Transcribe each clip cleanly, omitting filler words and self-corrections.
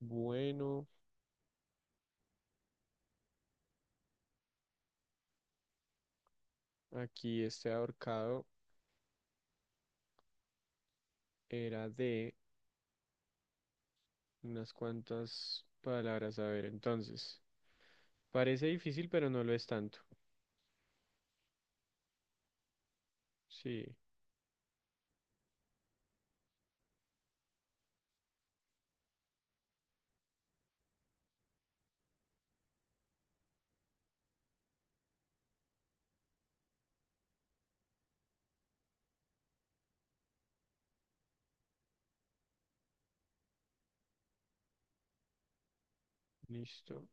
Bueno, aquí este ahorcado era de unas cuantas palabras. A ver, entonces. Parece difícil, pero no lo es tanto. Sí, listo.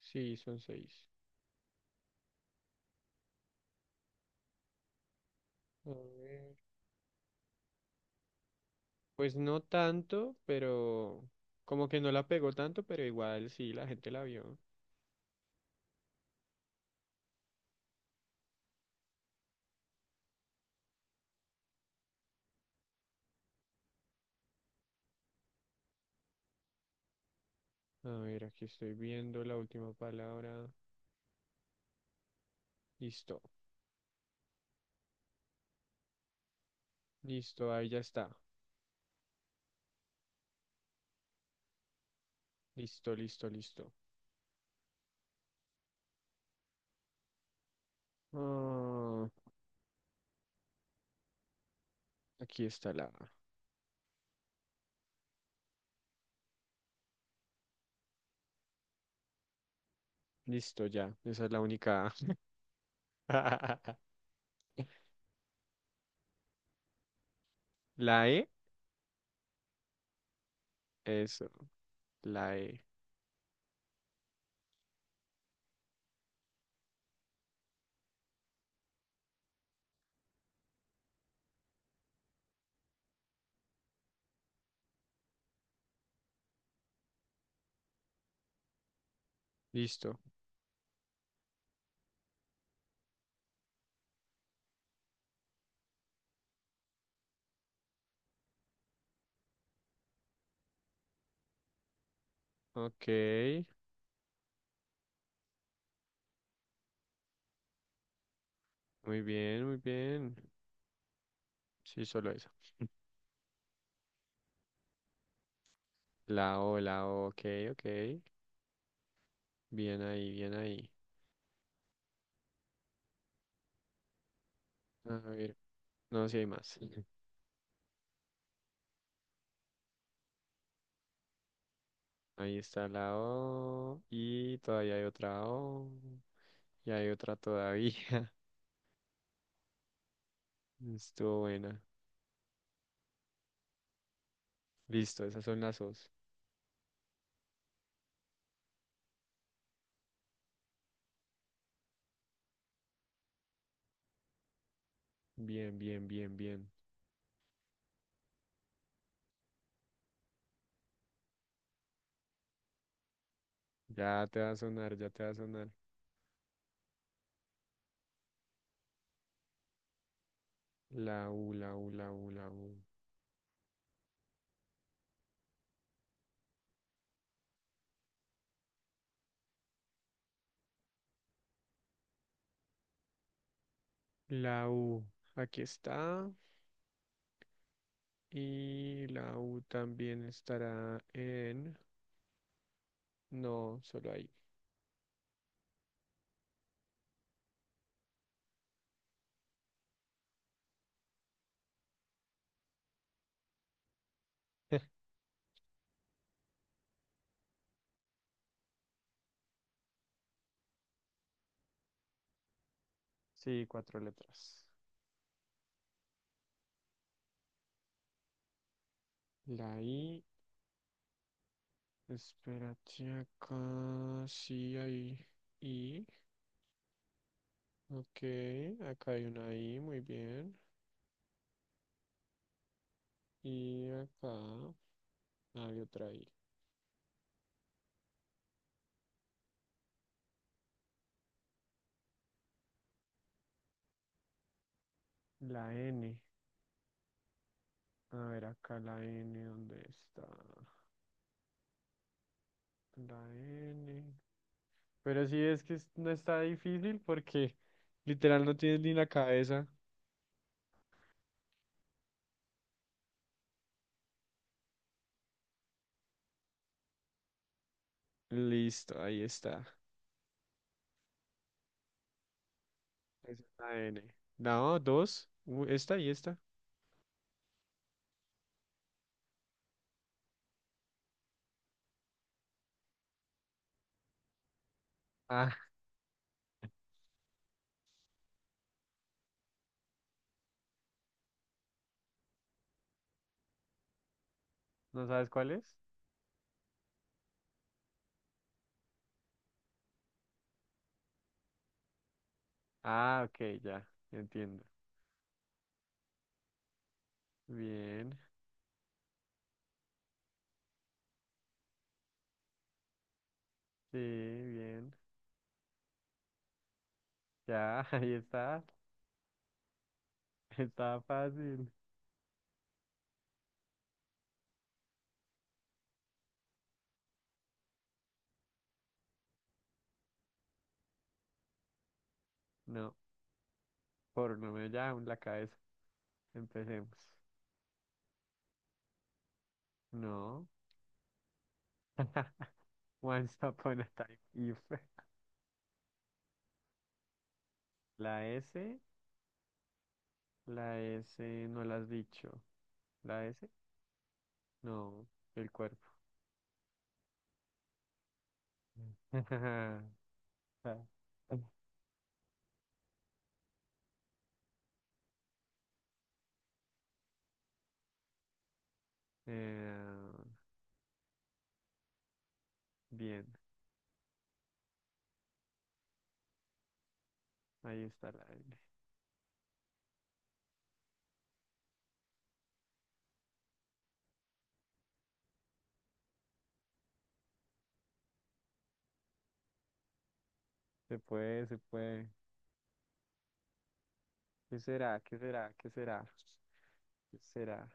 Sí, son seis. A ver. Pues no tanto, pero como que no la pegó tanto, pero igual sí, la gente la vio. A ver, aquí estoy viendo la última palabra. Listo, listo, ahí ya está. Listo, listo, listo. Ah, aquí está la A. Listo, ya. Esa es la única A. La E, eso, la E. Listo. Ok, muy bien, muy bien. Sí, solo eso. La O, ok, ok. Bien ahí, bien ahí. A ver, no, si hay más. Ahí está la O y todavía hay otra O y hay otra todavía. Estuvo buena. Listo, esas son las O's. Bien, bien, bien, bien. Ya te va a sonar, ya te va a sonar. La U, la U, la U, la U. La U, aquí está. Y la U también estará en... No, solo ahí. Sí, cuatro letras. La I, espérate acá. Sí, ahí. I. Ok, acá hay una I, muy bien. Y acá hay otra I. La N. A ver, acá la N, ¿dónde está? La N. Pero sí no está difícil porque literal no tienes ni la cabeza. Listo, ahí está. Es una N. No, dos. Esta y esta. Ah, ¿no sabes cuál es? Ah, ok, ya, entiendo. Bien, sí, bien. Ya, ahí está. Está fácil. No, por no me llaman la cabeza. Empecemos. No. Once upon a time. If. La S, la S no la has dicho. ¿La S? No, el cuerpo. Eh, bien, ahí está la L. Se puede, se puede. ¿Qué será? ¿Qué será? ¿Qué será? ¿Qué será?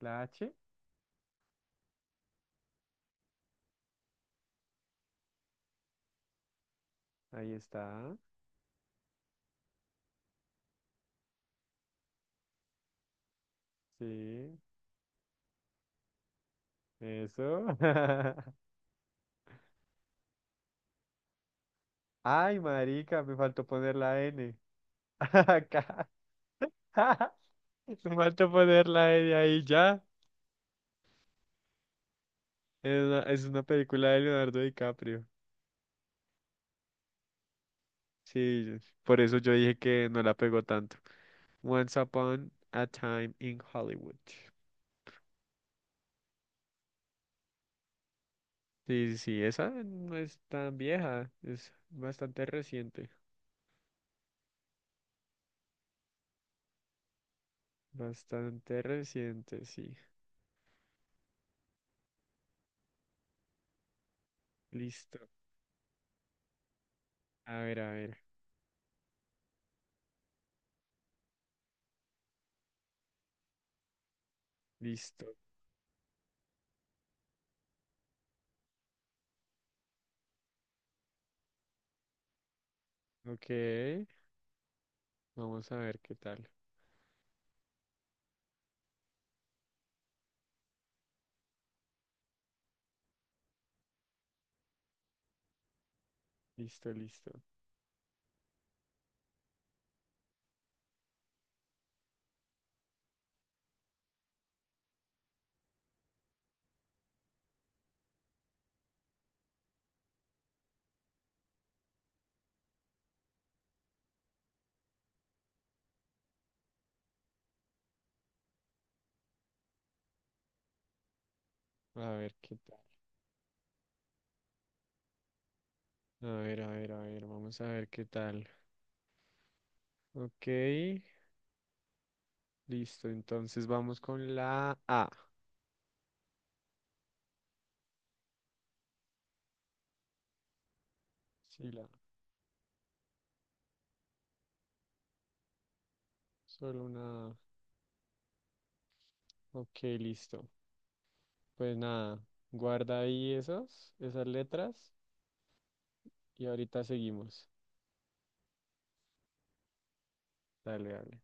¿La H? Ahí está. Sí, eso. Ay, marica, me faltó poner la N. Acá. Me faltó poner la N ahí ya. Es una película de Leonardo DiCaprio. Sí, por eso yo dije que no la pegó tanto. Once Upon a Time in Hollywood. Sí, sí, sí, esa no es tan vieja, es bastante reciente. Bastante reciente, sí. Listo. A ver, a ver. Listo. Ok. Vamos a ver qué tal. Listo, listo. A ver qué tal. A ver, a ver, a ver. Vamos a ver qué tal. Ok. Listo. Entonces vamos con la A. Sí, la. Solo una A. Ok, listo. Pues nada, guarda ahí esas letras y ahorita seguimos. Dale, dale.